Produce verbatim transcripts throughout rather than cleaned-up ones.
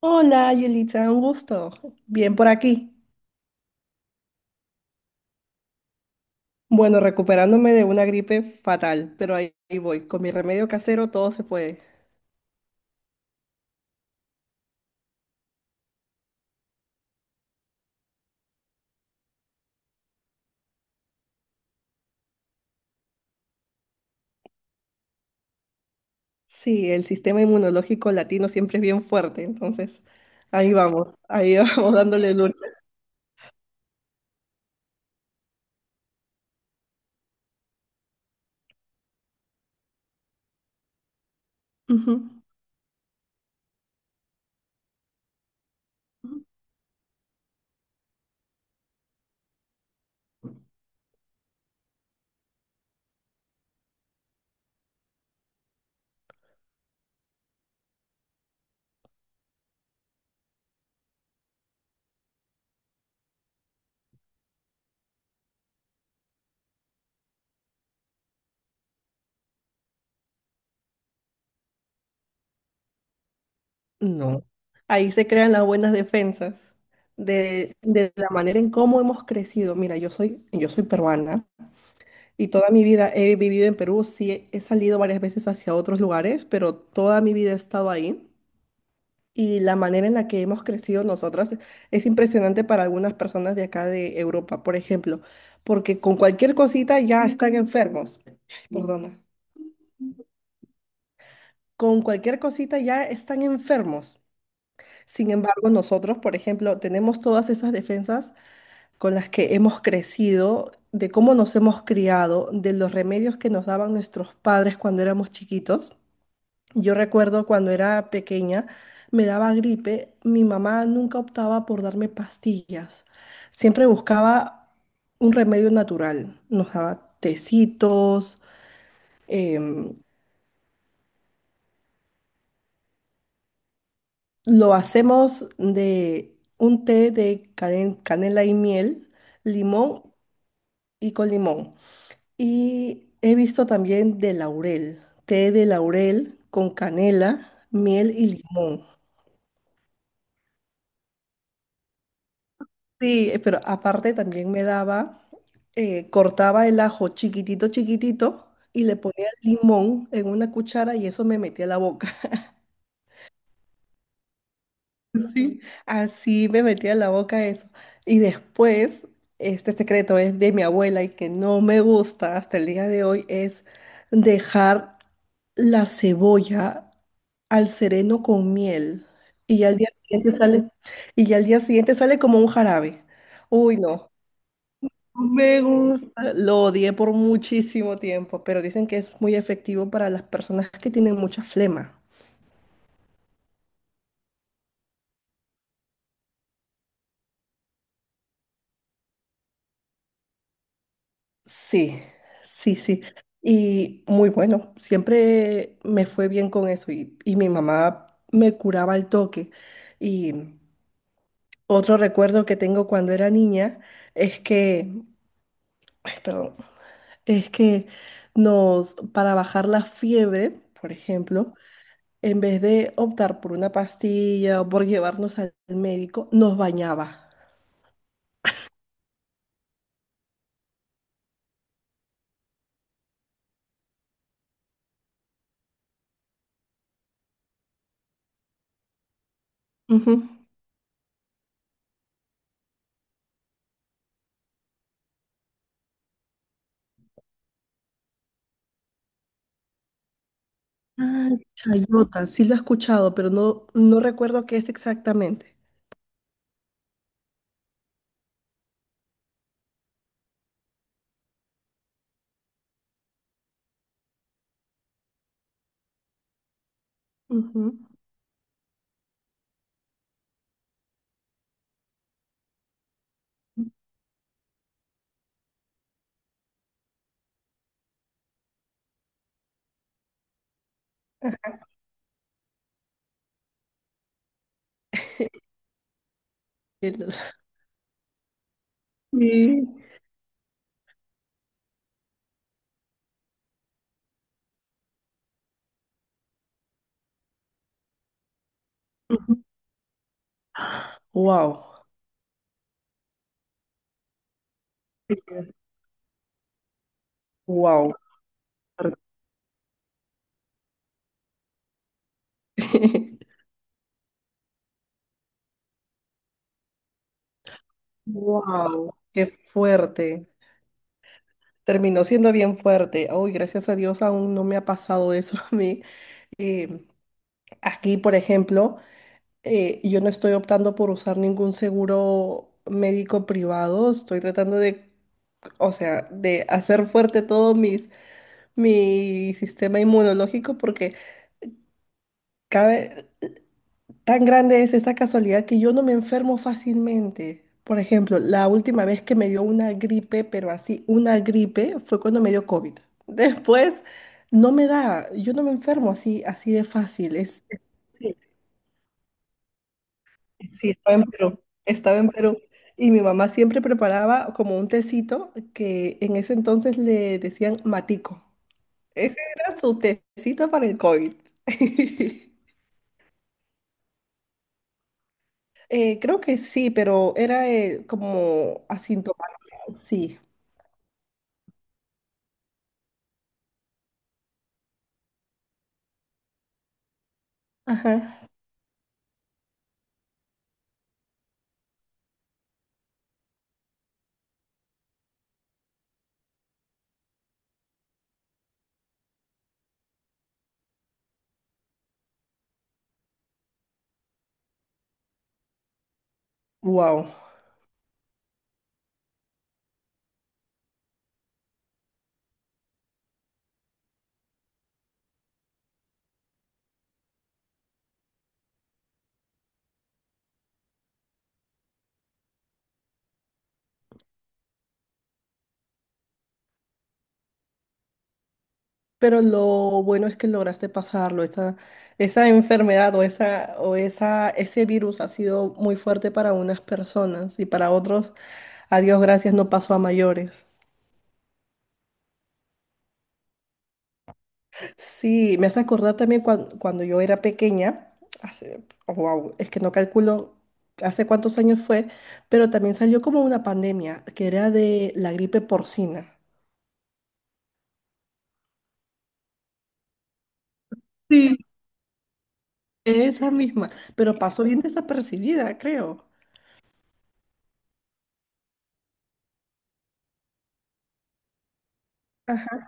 Hola, Yelitza, un gusto. Bien por aquí. Bueno, recuperándome de una gripe fatal, pero ahí ahí voy. Con mi remedio casero todo se puede. Sí, el sistema inmunológico latino siempre es bien fuerte, entonces ahí vamos, ahí vamos dándole lucha. Ujú. No. Ahí se crean las buenas defensas de, de la manera en cómo hemos crecido. Mira, yo soy, yo soy peruana y toda mi vida he vivido en Perú. Sí, he, he salido varias veces hacia otros lugares, pero toda mi vida he estado ahí. Y la manera en la que hemos crecido nosotras es impresionante para algunas personas de acá de Europa, por ejemplo, porque con cualquier cosita ya están enfermos. Ay, Perdona. Con cualquier cosita ya están enfermos. Sin embargo, nosotros, por ejemplo, tenemos todas esas defensas con las que hemos crecido, de cómo nos hemos criado, de los remedios que nos daban nuestros padres cuando éramos chiquitos. Yo recuerdo cuando era pequeña, me daba gripe, mi mamá nunca optaba por darme pastillas, siempre buscaba un remedio natural, nos daba tecitos, em, lo hacemos de un té de cane- canela y miel, limón y con limón. Y he visto también de laurel, té de laurel con canela, miel y limón. Sí, eh, pero aparte también me daba, eh, cortaba el ajo chiquitito, chiquitito y le ponía limón en una cuchara y eso me metía a la boca. Sí, así me metía a la boca eso. Y después, este secreto es de mi abuela y que no me gusta hasta el día de hoy, es dejar la cebolla al sereno con miel. Y ya al día siguiente sale, y ya al día siguiente sale como un jarabe. Uy, no. No Me gusta. Lo odié por muchísimo tiempo, pero dicen que es muy efectivo para las personas que tienen mucha flema. Sí, sí, sí. Y muy bueno, siempre me fue bien con eso y, y mi mamá me curaba al toque. Y otro recuerdo que tengo cuando era niña es que, ay, perdón, es que nos, para bajar la fiebre, por ejemplo, en vez de optar por una pastilla o por llevarnos al médico, nos bañaba. Ujú. Ah, chayota, sí lo he escuchado, pero no, no recuerdo qué es exactamente. Ujú. El- Sí. Wow, wow, wow, qué fuerte. Terminó siendo bien fuerte. Uy, gracias a Dios aún no me ha pasado eso a mí. Eh, aquí, por ejemplo, eh, yo no estoy optando por usar ningún seguro médico privado, estoy tratando de, o sea, de hacer fuerte todo mis, mi sistema inmunológico porque cabe, tan grande es esta casualidad que yo no me enfermo fácilmente. Por ejemplo, la última vez que me dio una gripe, pero así, una gripe, fue cuando me dio COVID. Después no me da, yo no me enfermo así, así de fácil. Es, es- sí. Sí, estaba en Perú, estaba en Perú. Y mi mamá siempre preparaba como un tecito que en ese entonces le decían matico. Ese era su tecito para el COVID. Eh, creo que sí, pero era eh, como asintomática. Sí. Ajá. Wow. Pero lo bueno es que lograste pasarlo. Esa, esa enfermedad o esa, o esa, ese virus ha sido muy fuerte para unas personas y para otros, a Dios gracias, no pasó a mayores. Sí, me hace acordar también cuan- cuando, yo era pequeña, hace, wow, es que no calculo hace cuántos años fue, pero también salió como una pandemia, que era de la gripe porcina. Sí. Esa misma, pero pasó bien desapercibida, creo. Ajá.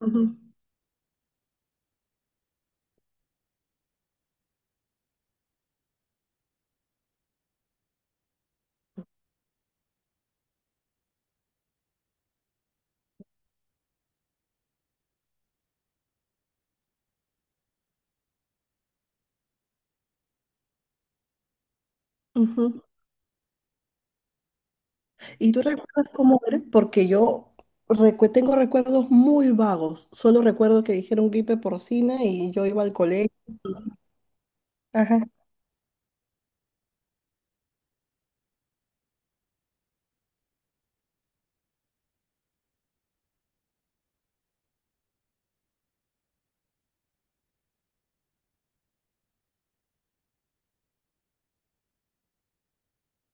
ujú, ujú. ¿Y tú recuerdas cómo era? Porque yo recue- tengo recuerdos muy vagos. Solo recuerdo que dijeron gripe porcina y yo iba al colegio. Ajá.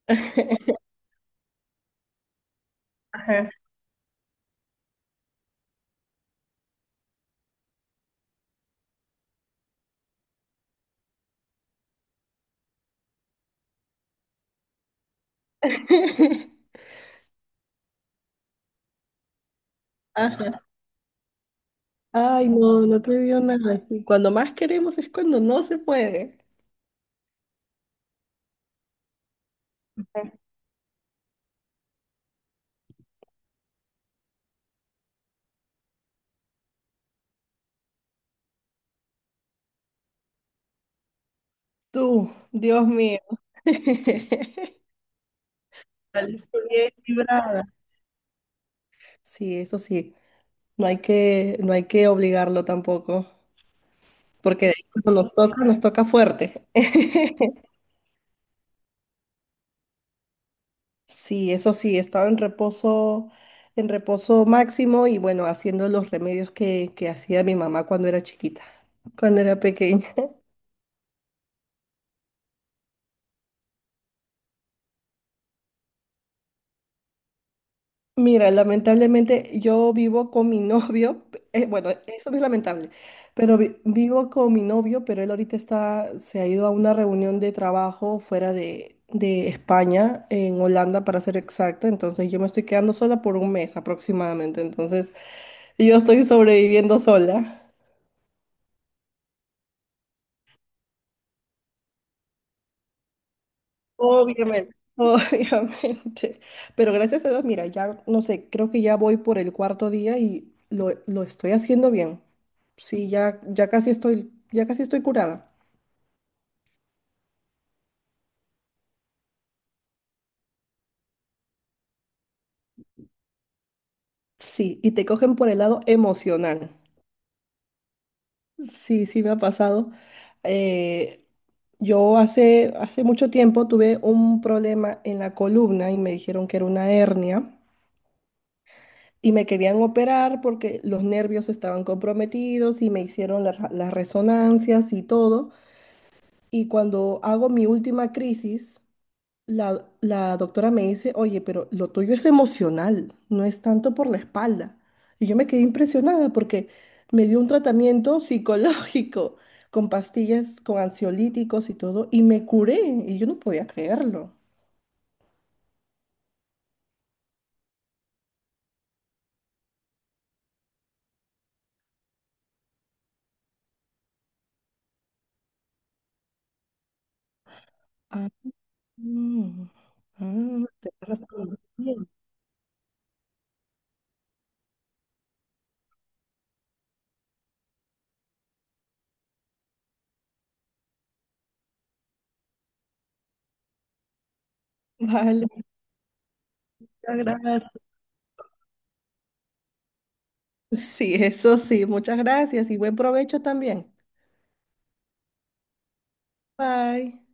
Ajá. Ajá. Ay, no, no te dio nada. Y Cuando más queremos es cuando no se puede. Tú, Dios mío. Saliste bien librada. Sí, eso sí. No hay que, no hay que obligarlo tampoco. Porque de ahí cuando nos toca, nos toca fuerte. Sí, eso sí, estaba en reposo, en reposo máximo y bueno, haciendo los remedios que, que hacía mi mamá cuando era chiquita, cuando era pequeña. Mira, lamentablemente yo vivo con mi novio, eh, bueno, eso no es lamentable, pero vi- vivo con mi novio, pero él ahorita está, se ha ido a una reunión de trabajo fuera de, de España, en Holanda para ser exacta, entonces yo me estoy quedando sola por un mes aproximadamente, entonces yo estoy sobreviviendo sola. Obviamente. Obviamente. Pero gracias a Dios, mira, ya no sé, creo que ya voy por el cuarto día y lo, lo estoy haciendo bien. Sí, ya, ya casi estoy, ya casi estoy curada. Sí, y te cogen por el lado emocional. Sí, sí me ha pasado. Eh, yo hace, hace mucho tiempo tuve un problema en la columna y me dijeron que era una hernia. Y me querían operar porque los nervios estaban comprometidos y me hicieron las las resonancias y todo. Y cuando hago mi última crisis, la, la doctora me dice, oye, pero lo tuyo es emocional, no es tanto por la espalda. Y yo me quedé impresionada porque me dio un tratamiento psicológico con pastillas, con ansiolíticos y todo, y me curé. Y yo no podía creerlo. Ah, mm, ah, bien. Vale, muchas gracias. Sí, eso sí. Muchas gracias y buen provecho también. Bye.